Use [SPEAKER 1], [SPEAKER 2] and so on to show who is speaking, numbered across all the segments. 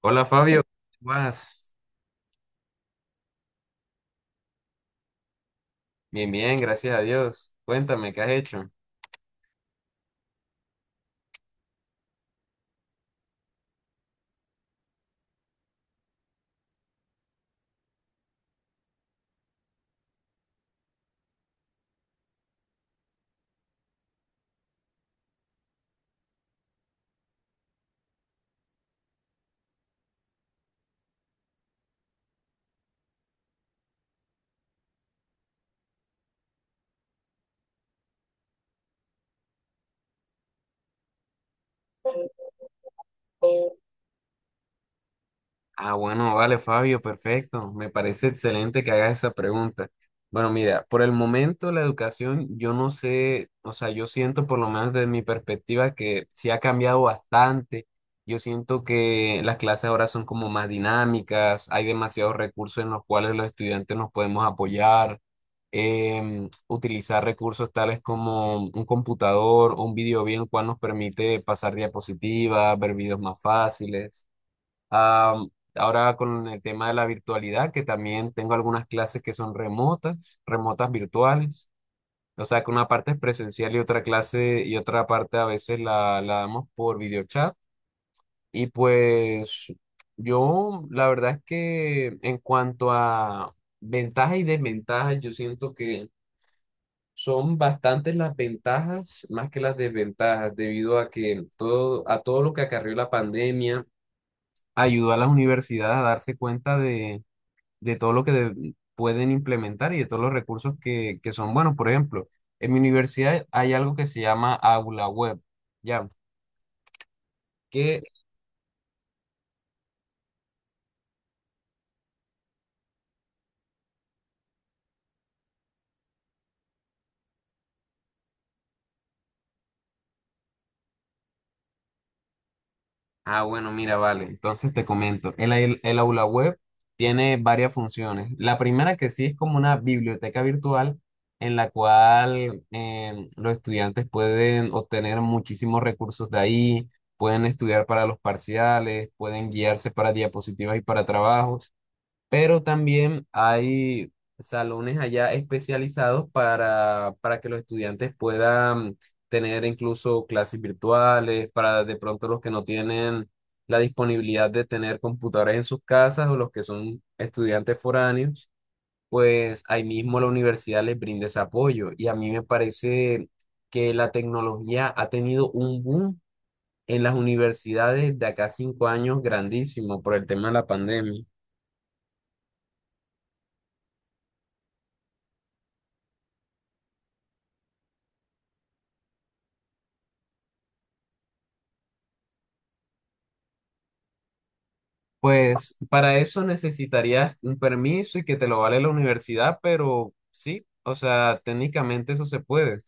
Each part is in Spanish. [SPEAKER 1] Hola, Fabio, ¿cómo vas? Bien, bien, gracias a Dios. Cuéntame, ¿qué has hecho? Bueno, vale, Fabio, perfecto. Me parece excelente que hagas esa pregunta. Bueno, mira, por el momento la educación, yo no sé, o sea, yo siento por lo menos desde mi perspectiva que sí ha cambiado bastante. Yo siento que las clases ahora son como más dinámicas, hay demasiados recursos en los cuales los estudiantes nos podemos apoyar, utilizar recursos tales como un computador, un video bien, el cual nos permite pasar diapositivas, ver videos más fáciles. Ah, ahora con el tema de la virtualidad, que también tengo algunas clases que son remotas, remotas virtuales. O sea, que una parte es presencial y otra clase y otra parte a veces la damos por videochat. Y pues yo, la verdad es que en cuanto a ventajas y desventajas, yo siento que son bastantes las ventajas más que las desventajas, debido a que todo, a todo lo que acarrió la pandemia ayudó a las universidades a darse cuenta de todo lo que pueden implementar y de todos los recursos que son buenos. Por ejemplo, en mi universidad hay algo que se llama aula web, ¿ya? Que, bueno, mira, vale, entonces te comento, el aula web tiene varias funciones. La primera que sí es como una biblioteca virtual en la cual los estudiantes pueden obtener muchísimos recursos de ahí, pueden estudiar para los parciales, pueden guiarse para diapositivas y para trabajos. Pero también hay salones allá especializados para que los estudiantes puedan tener incluso clases virtuales, para de pronto los que no tienen la disponibilidad de tener computadores en sus casas o los que son estudiantes foráneos, pues ahí mismo la universidad les brinda ese apoyo. Y a mí me parece que la tecnología ha tenido un boom en las universidades de acá a 5 años grandísimo por el tema de la pandemia. Pues para eso necesitarías un permiso y que te lo vale la universidad, pero sí, o sea, técnicamente eso se puede.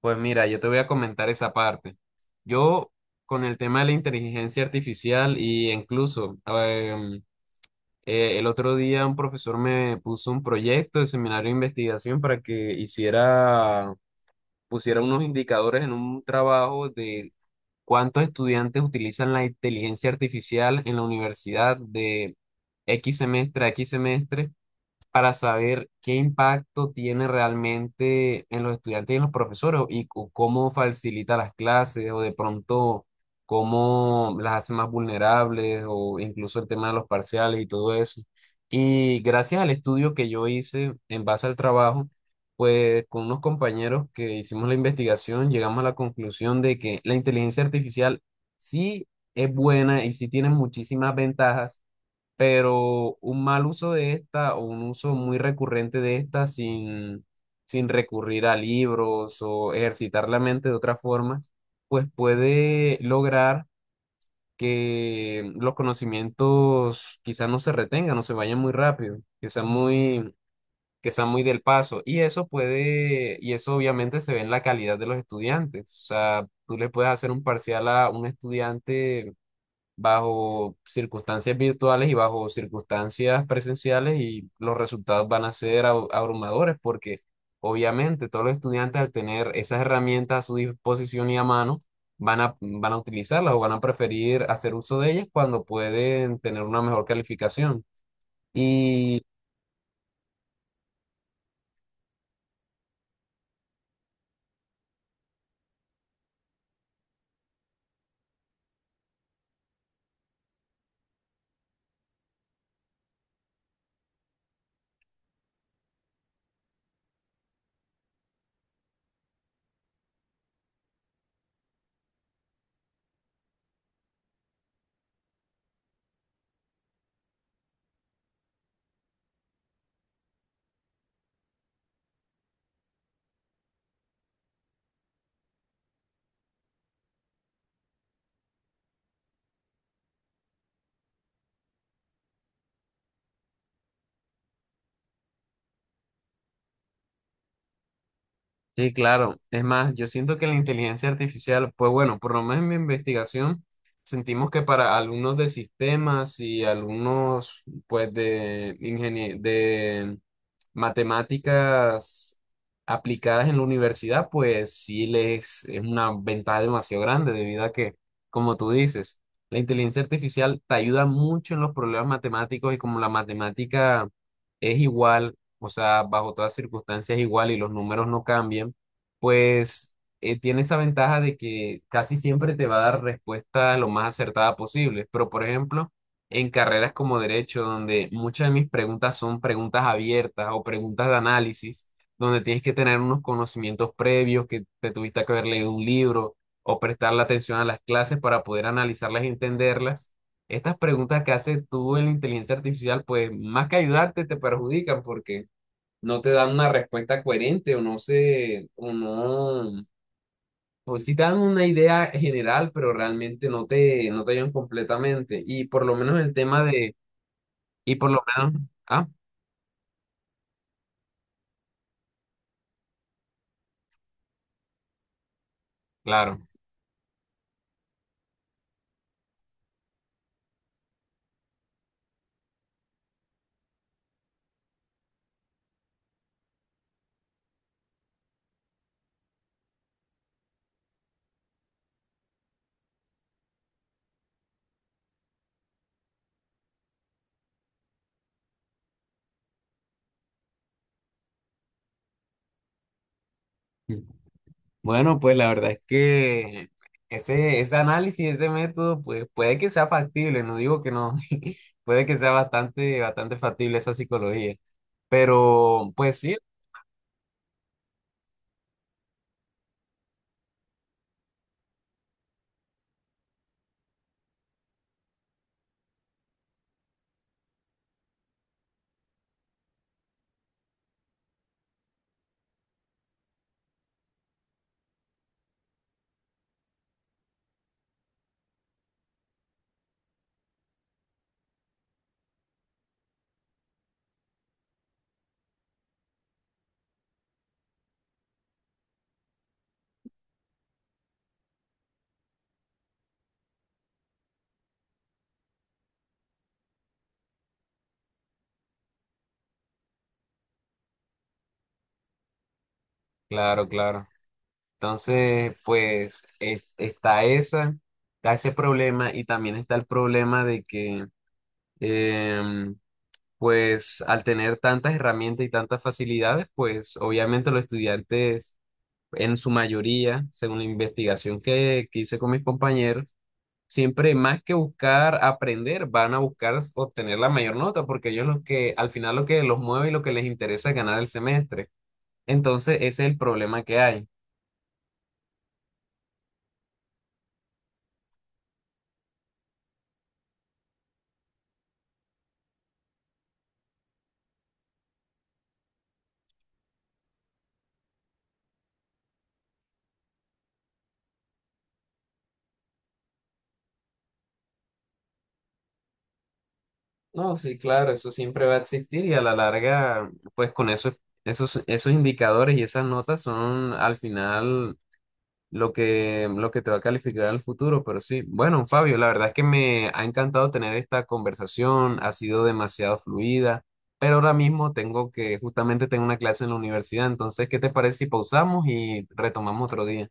[SPEAKER 1] Pues mira, yo te voy a comentar esa parte. Yo con el tema de la inteligencia artificial y incluso el otro día un profesor me puso un proyecto de seminario de investigación para que hiciera, pusiera unos indicadores en un trabajo de ¿cuántos estudiantes utilizan la inteligencia artificial en la universidad de X semestre a X semestre? Para saber qué impacto tiene realmente en los estudiantes y en los profesores y cómo facilita las clases o de pronto cómo las hace más vulnerables o incluso el tema de los parciales y todo eso. Y gracias al estudio que yo hice en base al trabajo, pues con unos compañeros que hicimos la investigación, llegamos a la conclusión de que la inteligencia artificial sí es buena y sí tiene muchísimas ventajas, pero un mal uso de esta o un uso muy recurrente de esta sin recurrir a libros o ejercitar la mente de otras formas, pues puede lograr que los conocimientos quizás no se retengan o se vayan muy rápido, que sean muy del paso. Y eso puede, y eso obviamente se ve en la calidad de los estudiantes. O sea, tú le puedes hacer un parcial a un estudiante bajo circunstancias virtuales y bajo circunstancias presenciales y los resultados van a ser abrumadores porque obviamente todos los estudiantes al tener esas herramientas a su disposición y a mano van a utilizarlas o van a preferir hacer uso de ellas cuando pueden tener una mejor calificación. Sí, claro. Es más, yo siento que la inteligencia artificial, pues bueno, por lo menos en mi investigación, sentimos que para alumnos de sistemas y alumnos, pues, de de matemáticas aplicadas en la universidad, pues sí les es una ventaja demasiado grande debido a que, como tú dices, la inteligencia artificial te ayuda mucho en los problemas matemáticos y como la matemática es igual, o sea, bajo todas circunstancias igual y los números no cambian, pues tiene esa ventaja de que casi siempre te va a dar respuesta lo más acertada posible. Pero, por ejemplo, en carreras como derecho, donde muchas de mis preguntas son preguntas abiertas o preguntas de análisis, donde tienes que tener unos conocimientos previos, que te tuviste que haber leído un libro o prestarle atención a las clases para poder analizarlas y entenderlas. Estas preguntas que haces tú en la inteligencia artificial, pues más que ayudarte, te perjudican porque no te dan una respuesta coherente o no sé, o no, o sí te dan una idea general, pero realmente no te ayudan completamente. Y por lo menos el tema de, y por lo menos, ah, claro. Bueno, pues la verdad es que ese análisis, ese método, pues puede que sea factible, no digo que no, puede que sea bastante factible esa psicología. Pero, pues sí, claro, claro. Entonces, pues está esa, está ese problema y también está el problema de que, em, pues al tener tantas herramientas y tantas facilidades, pues obviamente los estudiantes en su mayoría, según la investigación que hice con mis compañeros, siempre más que buscar aprender, van a buscar obtener la mayor nota, porque ellos lo que al final lo que los mueve y lo que les interesa es ganar el semestre. Entonces, ese es el problema que hay. No, sí, claro, eso siempre va a existir y a la larga, pues con esos indicadores y esas notas son al final lo que te va a calificar al futuro. Pero sí, bueno, Fabio, la verdad es que me ha encantado tener esta conversación, ha sido demasiado fluida, pero ahora mismo justamente tengo una clase en la universidad, entonces, ¿qué te parece si pausamos y retomamos otro día?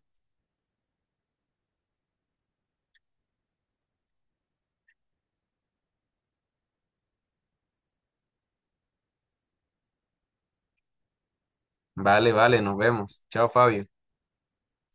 [SPEAKER 1] Vale, vale, nos vemos. Chao, Fabio.